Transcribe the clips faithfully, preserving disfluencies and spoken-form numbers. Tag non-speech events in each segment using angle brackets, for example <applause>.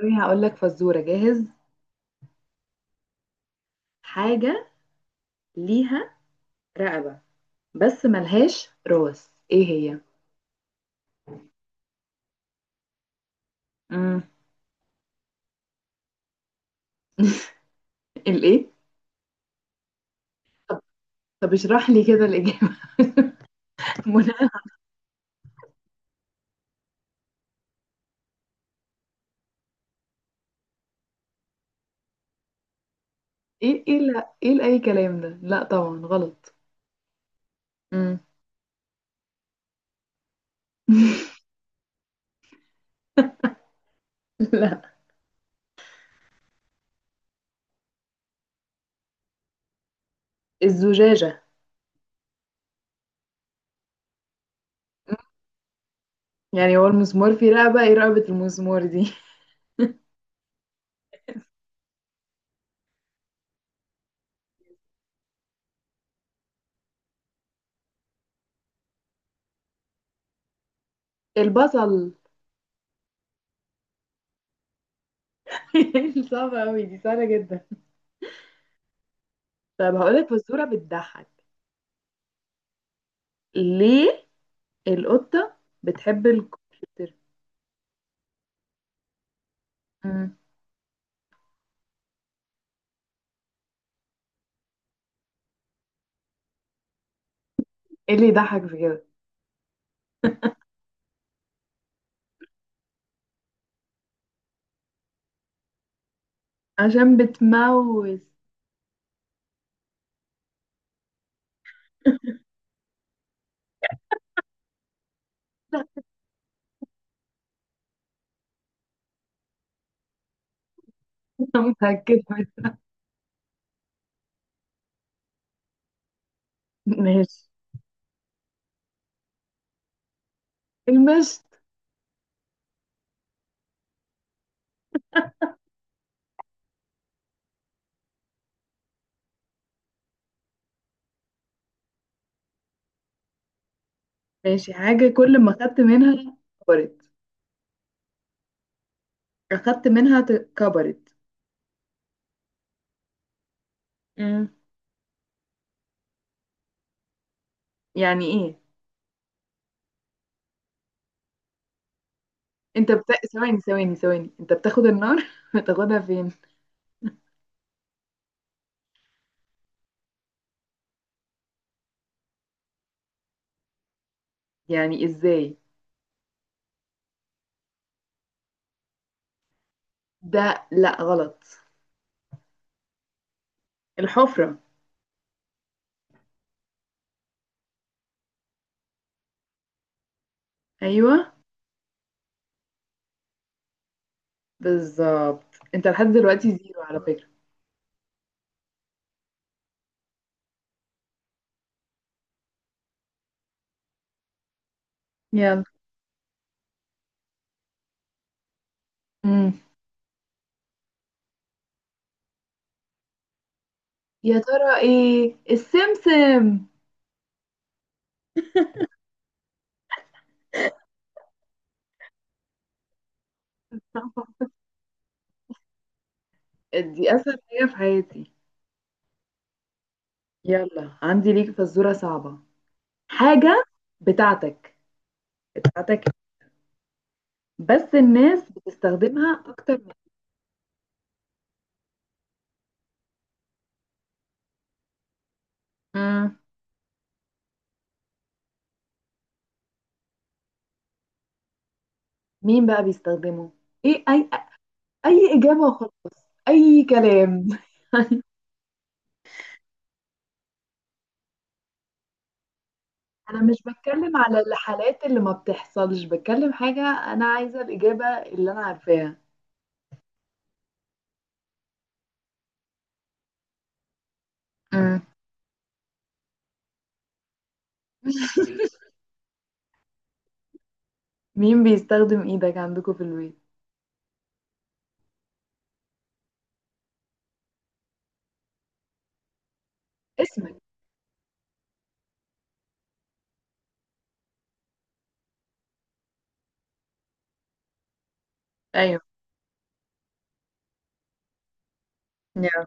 أوكي، هقول لك فزورة جاهز. حاجة ليها رقبة بس ملهاش راس، ايه هي؟ امم. <laughs> الايه؟ طب طب اشرح لي كده الإجابة. <laughs> منى. ايه ايه، لا ايه، لأي كلام ده، لا طبعا غلط. امم. <laughs> لا، الزجاجة. مم. يعني هو المسمار فيه رقبة؟ ايه رقبة المسمار دي؟ <laughs> البصل. <laughs> صعبة أوي؟ دي سهلة جدا. طب هقولك فزورة بتضحك. ليه القطة بتحب الكمبيوتر؟ مم. ايه اللي يضحك في كده؟ عشان بتموز. <laughs> أنا متأكدة. من- ماشي. المشط. ماشي. حاجة كل ما خدت منها كبرت، أخدت منها ت- كبرت. مم. يعني إيه؟ أنت بت... ثواني ثواني ثواني، أنت بتاخد النار، <laughs> بتاخدها فين؟ يعني إزاي؟ ده لأ غلط. الحفرة. أيوه بالظبط. أنت لحد دلوقتي زيرو على فكرة. يلا. مم. يا ترى إيه؟ السمسم. دي أسهل حاجة في حياتي. يلا، عندي ليك فزورة صعبة. حاجة بتاعتك بتاعتك بس الناس بتستخدمها أكتر من. مم. مين بقى بيستخدمه؟ إيه، أي أي إجابة وخلاص، أي كلام. أنا مش بتكلم على الحالات اللي ما بتحصلش، بتكلم حاجة. أنا عايزة الإجابة اللي أنا عارفاها. مم. مين بيستخدم إيدك عندكم في البيت؟ اسمك. ايوه. يلا.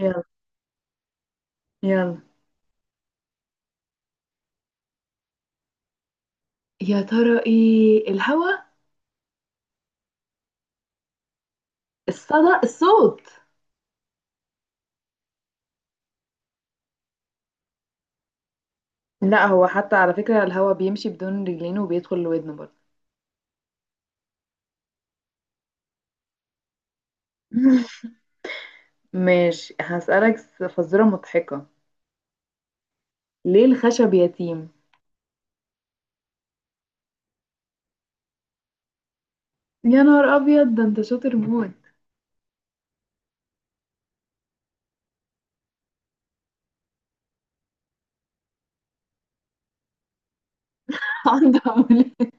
يلا يلا. يا ترى ايه؟ الهوا. الصدى، الصوت. لا هو حتى على فكرة الهوا بيمشي بدون رجلين وبيدخل لودنه برضه. ماشي، هسألك س- فزورة مضحكة. ليه الخشب يتيم؟ يا نهار أبيض، ده أنت شاطر موت. <laughs> عندها أولاد.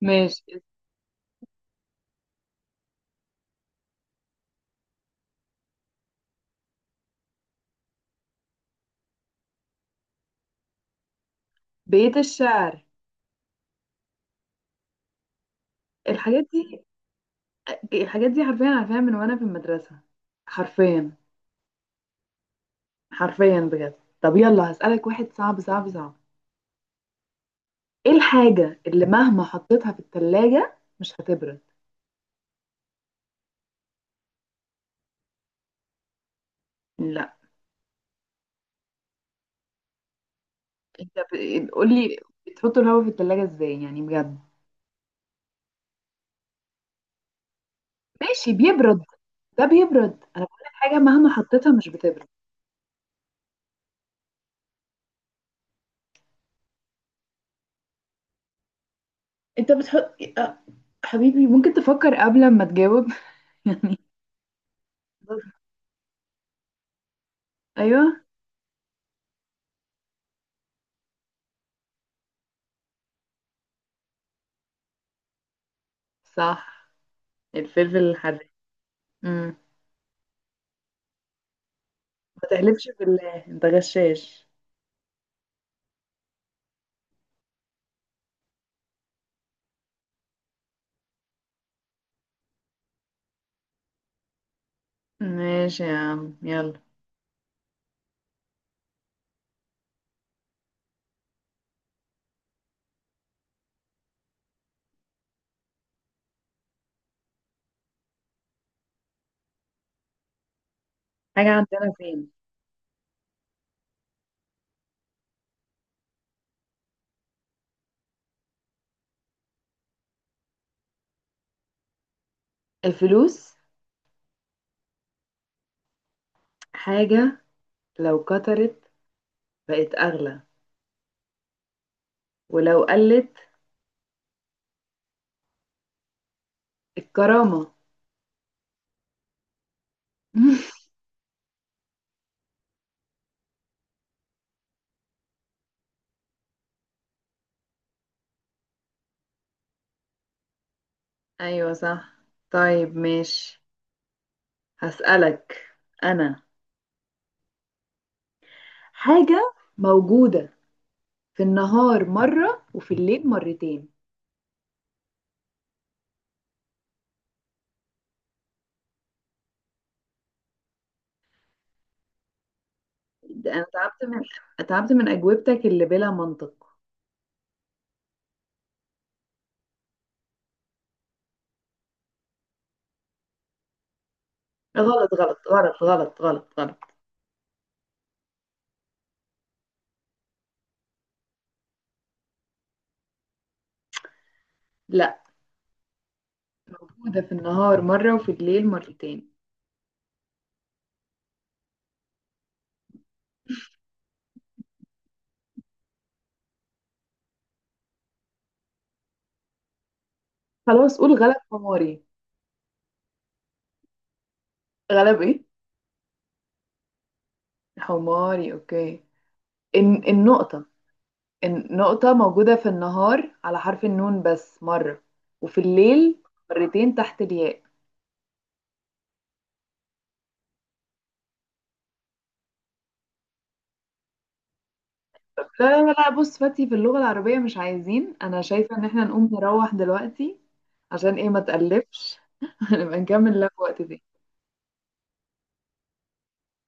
ماشي. بيت الشعر. الحاجات دي، الحاجات دي حرفيا عارفاها من وأنا في المدرسة. حرفيا، حرفيا بجد. طب يلا هسألك واحد صعب صعب صعب. ايه الحاجة اللي مهما حطيتها في التلاجة مش هتبرد؟ لا. انت ب- قولي. بتحط الهواء في التلاجة ازاي؟ يعني بجد. ماشي بيبرد. ده بيبرد، انا بقولك حاجة مهما حطيتها مش بتبرد. انت بتحط آه، حبيبي، ممكن تفكر قبل ما تجاوب. <laughs> يعني. ايوه صح. الفلفل الحراق. امم. ما تحلفش بالله، انت غشاش. ماشي يا عم، يلا. حاجة عندنا فين؟ الفلوس. حاجة لو كترت بقت أغلى، ولو قلت. الكرامة. <laughs> أيوة صح. طيب ماشي، هسألك. أنا حاجة موجودة في النهار مرة وفي الليل مرتين. ده انا تعبت من، تعبت من اجوبتك اللي بلا منطق. غلط غلط غلط غلط غلط غلط. لا، موجودة في النهار مرة وفي الليل مرتين. خلاص قول غلب حماري. غلب ايه؟ حماري. اوكي. إن النقطة، النقطة موجودة في النهار على حرف النون بس مرة، وفي الليل مرتين تحت الياء. لا لا لا، بص فاتي في اللغة العربية مش عايزين، انا شايفة ان احنا نقوم نروح دلوقتي. عشان ايه ما تقلبش. <laughs> نبقى نكمل لك وقت تاني.